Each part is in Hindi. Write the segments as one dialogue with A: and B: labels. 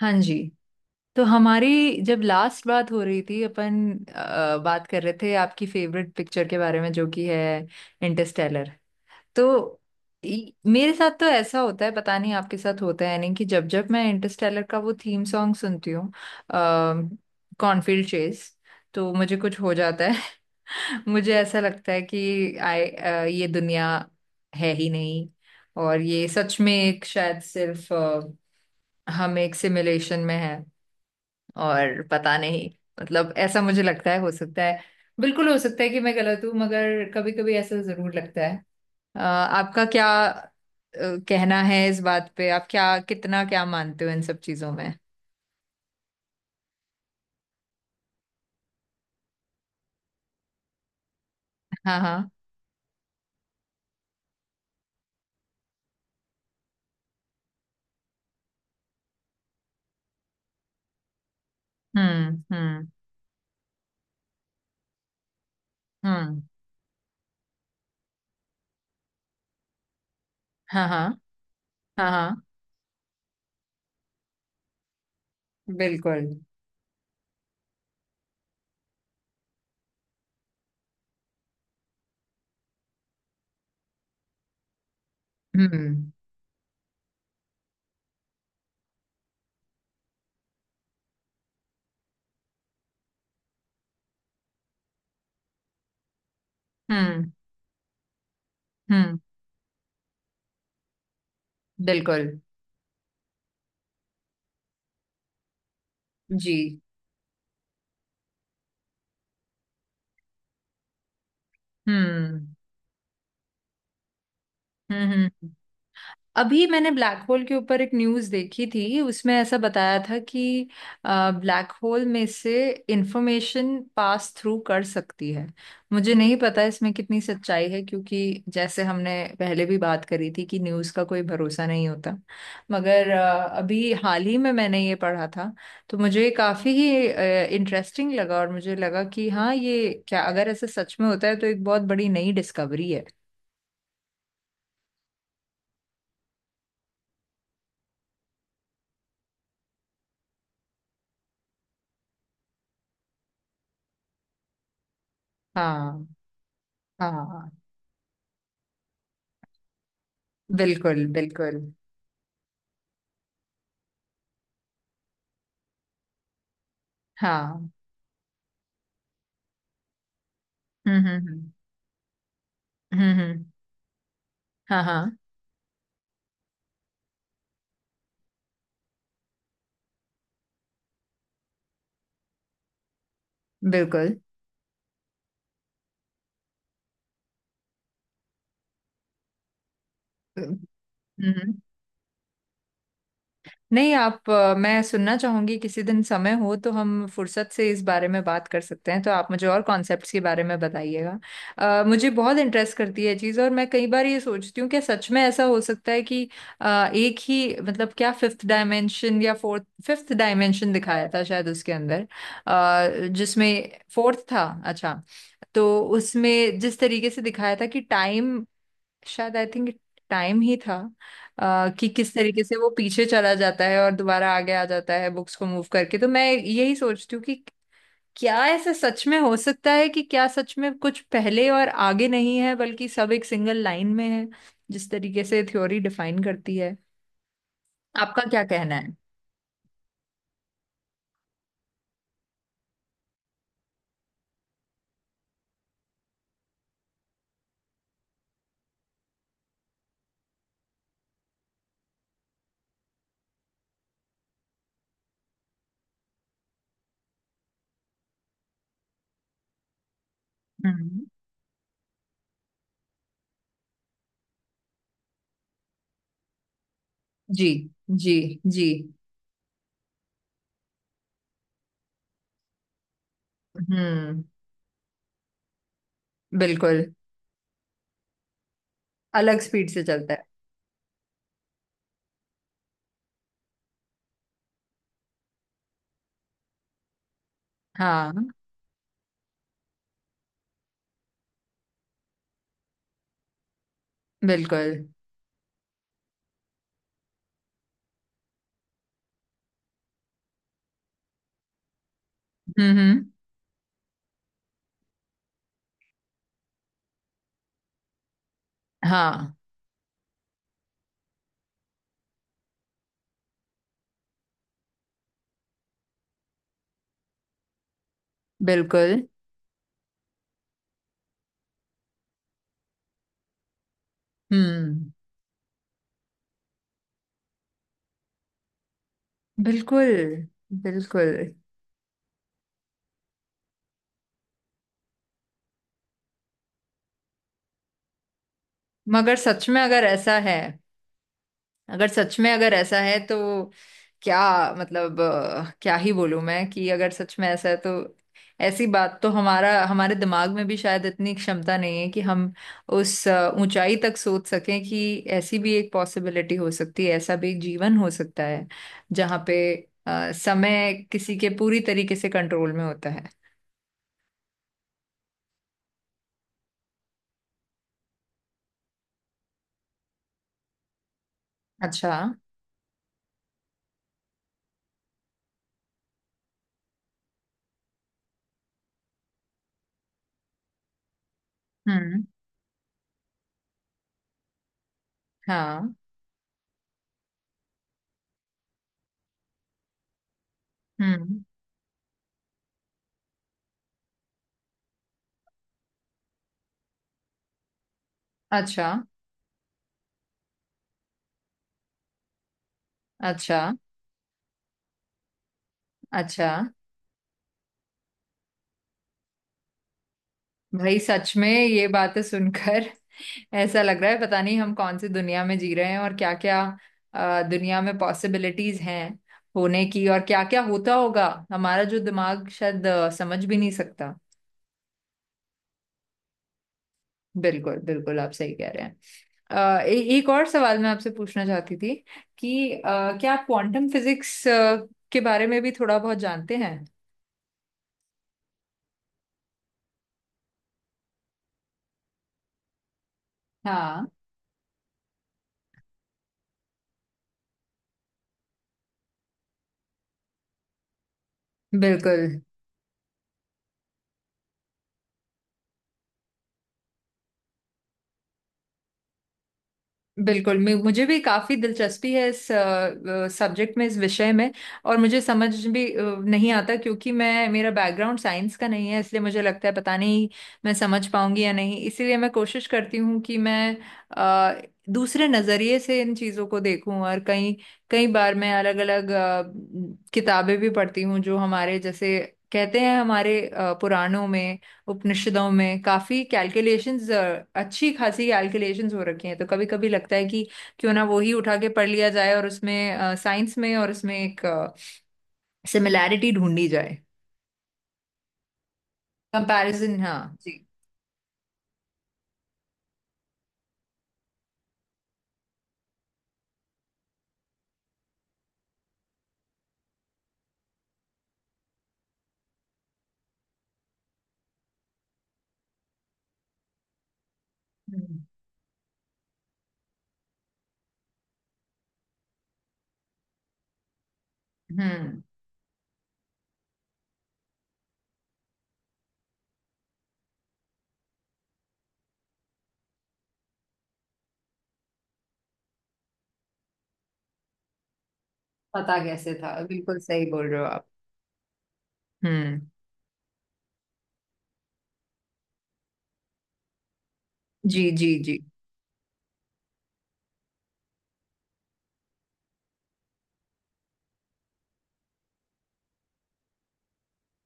A: हाँ जी। तो हमारी जब लास्ट बात हो रही थी अपन बात कर रहे थे आपकी फेवरेट पिक्चर के बारे में जो कि है इंटरस्टेलर। तो मेरे साथ तो ऐसा होता है, पता नहीं आपके साथ होता है नहीं, कि जब जब मैं इंटरस्टेलर का वो थीम सॉन्ग सुनती हूँ कॉर्नफील्ड चेज, तो मुझे कुछ हो जाता है। मुझे ऐसा लगता है कि आई ये दुनिया है ही नहीं, और ये सच में एक शायद सिर्फ हम एक सिमुलेशन में है और पता नहीं। मतलब ऐसा मुझे लगता है, हो सकता है, बिल्कुल हो सकता है कि मैं गलत हूँ, मगर कभी कभी ऐसा जरूर लगता है। आपका क्या कहना है इस बात पे, आप क्या कितना क्या मानते हो इन सब चीजों में। हाँ हाँ। हम्म हम्म हम्म। हाँ हाँ। हाँ हाँ। बिल्कुल। हम्म हम्म हम्म। बिल्कुल। जी। हम्म हम्म। अभी मैंने ब्लैक होल के ऊपर एक न्यूज़ देखी थी। उसमें ऐसा बताया था कि ब्लैक होल में से इंफॉर्मेशन पास थ्रू कर सकती है। मुझे नहीं पता इसमें कितनी सच्चाई है, क्योंकि जैसे हमने पहले भी बात करी थी कि न्यूज़ का कोई भरोसा नहीं होता। मगर अभी हाल ही में मैंने ये पढ़ा था, तो मुझे ये काफ़ी ही इंटरेस्टिंग लगा और मुझे लगा कि हाँ, ये क्या, अगर ऐसा सच में होता है तो एक बहुत बड़ी नई डिस्कवरी है। हाँ हाँ। बिल्कुल बिल्कुल। हाँ। हम्म। हम्म हम्म, हाँ हाँ। बिल्कुल। हम्म हम्म, नहीं, आप मैं सुनना चाहूंगी, किसी दिन समय हो तो हम फुर्सत से इस बारे में बात कर सकते हैं, तो आप मुझे और कॉन्सेप्ट्स के बारे में बताइएगा। मुझे बहुत इंटरेस्ट करती है चीज़, और मैं कई बार ये सोचती हूँ कि सच में ऐसा हो सकता है कि एक ही मतलब क्या फिफ्थ डायमेंशन या फोर्थ फिफ्थ डायमेंशन दिखाया था शायद उसके अंदर, जिसमें फोर्थ था। अच्छा। तो उसमें जिस तरीके से दिखाया था कि टाइम, शायद आई थिंक टाइम ही था, कि किस तरीके से वो पीछे चला जाता है और दोबारा आगे आ जाता है बुक्स को मूव करके, तो मैं यही सोचती हूँ कि क्या ऐसा सच में हो सकता है कि क्या सच में कुछ पहले और आगे नहीं है बल्कि सब एक सिंगल लाइन में है, जिस तरीके से थ्योरी डिफाइन करती है। आपका क्या कहना है। हम्म। जी जी जी। हम्म। बिल्कुल। अलग स्पीड से चलता है। हाँ। बिल्कुल। हम्म। हाँ। बिल्कुल। हम्म। बिल्कुल बिल्कुल। मगर सच में अगर ऐसा है, अगर सच में अगर ऐसा है तो क्या, मतलब क्या ही बोलूं मैं कि अगर सच में ऐसा है तो ऐसी बात तो हमारा, हमारे दिमाग में भी शायद इतनी क्षमता नहीं है कि हम उस ऊंचाई तक सोच सकें कि ऐसी भी एक पॉसिबिलिटी हो सकती है, ऐसा भी एक जीवन हो सकता है जहाँ पे समय किसी के पूरी तरीके से कंट्रोल में होता है। अच्छा। हम्म। हाँ। हम्म। अच्छा। अच्छा। अच्छा। भाई सच में ये बातें सुनकर ऐसा लग रहा है पता नहीं हम कौन सी दुनिया में जी रहे हैं, और क्या क्या दुनिया में पॉसिबिलिटीज हैं होने की, और क्या क्या होता होगा हमारा जो दिमाग शायद समझ भी नहीं सकता। बिल्कुल बिल्कुल, आप सही कह रहे हैं। एक और सवाल मैं आपसे पूछना चाहती थी कि क्या आप क्वांटम फिजिक्स के बारे में भी थोड़ा बहुत जानते हैं। हाँ। बिल्कुल। बिल्कुल मैं मुझे भी काफी दिलचस्पी है इस सब्जेक्ट में, इस विषय में। और मुझे समझ भी नहीं आता क्योंकि मैं मेरा बैकग्राउंड साइंस का नहीं है, इसलिए मुझे लगता है पता नहीं मैं समझ पाऊंगी या नहीं। इसीलिए मैं कोशिश करती हूँ कि मैं अ, दूसरे नजरिए से इन चीजों को देखूं, और कई कई बार मैं अलग अलग किताबें भी पढ़ती हूँ। जो हमारे जैसे कहते हैं, हमारे पुराणों में, उपनिषदों में काफी कैलकुलेशंस, अच्छी खासी कैलकुलेशंस हो रखी हैं। तो कभी कभी लगता है कि क्यों ना वो ही उठा के पढ़ लिया जाए और उसमें, साइंस में और उसमें एक सिमिलैरिटी ढूंढी जाए। कंपैरिजन, हाँ जी। हम्म। हम्म, पता कैसे था, बिल्कुल सही बोल रहे हो आप। हम्म। जी जी जी।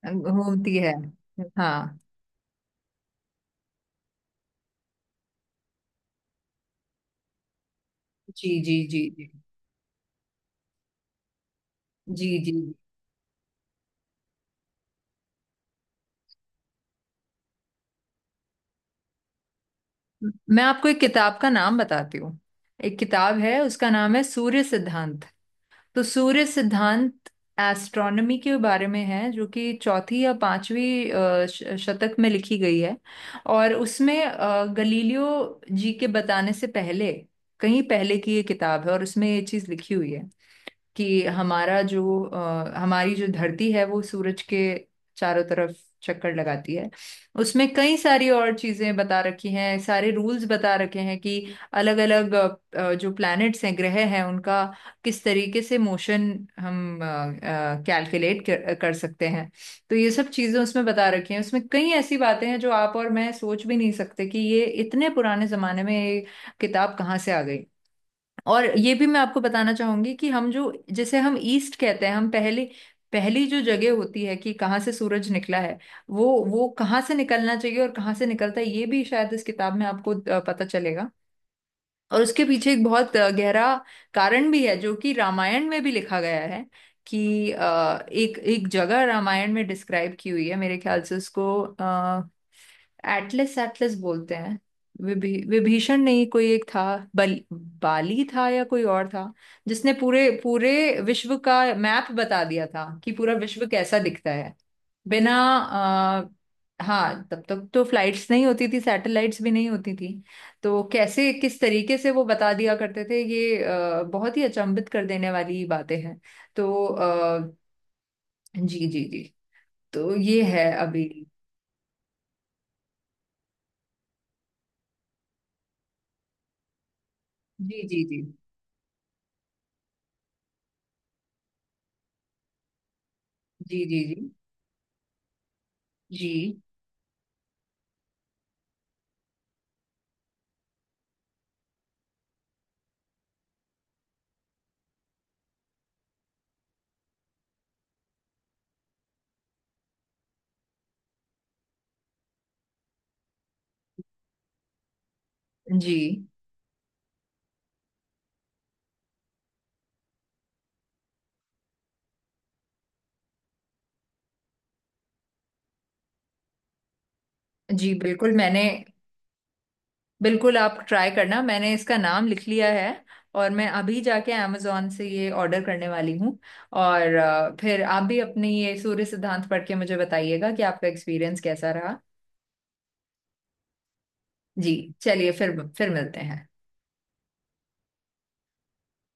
A: होती है, हाँ। जी जी जी जी। जी जी जी मैं आपको एक किताब का नाम बताती हूँ। एक किताब है, उसका नाम है सूर्य सिद्धांत। तो सूर्य सिद्धांत एस्ट्रोनॉमी के बारे में है, जो कि चौथी या पांचवी शतक में लिखी गई है। और उसमें गलीलियो जी के बताने से पहले, कहीं पहले की ये किताब है, और उसमें ये चीज लिखी हुई है कि हमारी जो धरती है वो सूरज के चारों तरफ चक्कर लगाती है। उसमें कई सारी और चीजें बता रखी हैं, सारे रूल्स बता रखे हैं कि अलग अलग जो प्लैनेट्स हैं, ग्रह हैं, उनका किस तरीके से मोशन हम कर सकते हैं। तो ये सब चीजें उसमें बता रखी हैं। उसमें कई ऐसी बातें हैं जो आप और मैं सोच भी नहीं सकते कि ये इतने पुराने जमाने में ये किताब कहाँ से आ गई। और ये भी मैं आपको बताना चाहूंगी कि हम जो जैसे हम ईस्ट कहते हैं, हम पहले पहली जो जगह होती है कि कहाँ से सूरज निकला है, वो वो कहाँ से निकलना चाहिए और कहाँ से निकलता है, ये भी शायद इस किताब में आपको पता चलेगा। और उसके पीछे एक बहुत गहरा कारण भी है जो कि रामायण में भी लिखा गया है। कि एक एक जगह रामायण में डिस्क्राइब की हुई है, मेरे ख्याल से उसको एटलस एटलस बोलते हैं। विभीषण नहीं, कोई एक था, बल बाली था या कोई और था, जिसने पूरे पूरे विश्व का मैप बता दिया था कि पूरा विश्व कैसा दिखता है बिना हाँ, तब तक तो फ्लाइट्स नहीं होती थी, सैटेलाइट्स भी नहीं होती थी। तो कैसे, किस तरीके से वो बता दिया करते थे, ये बहुत ही अचंभित कर देने वाली बातें हैं। तो जी जी जी। तो ये है अभी। जी जी जी जी। जी जी जी जी जी। बिल्कुल मैंने, बिल्कुल आप ट्राई करना, मैंने इसका नाम लिख लिया है। और मैं अभी जाके amazon से ये ऑर्डर करने वाली हूँ। और फिर आप भी अपनी ये सूर्य सिद्धांत पढ़ के मुझे बताइएगा कि आपका एक्सपीरियंस कैसा रहा। जी। चलिए, फिर मिलते हैं।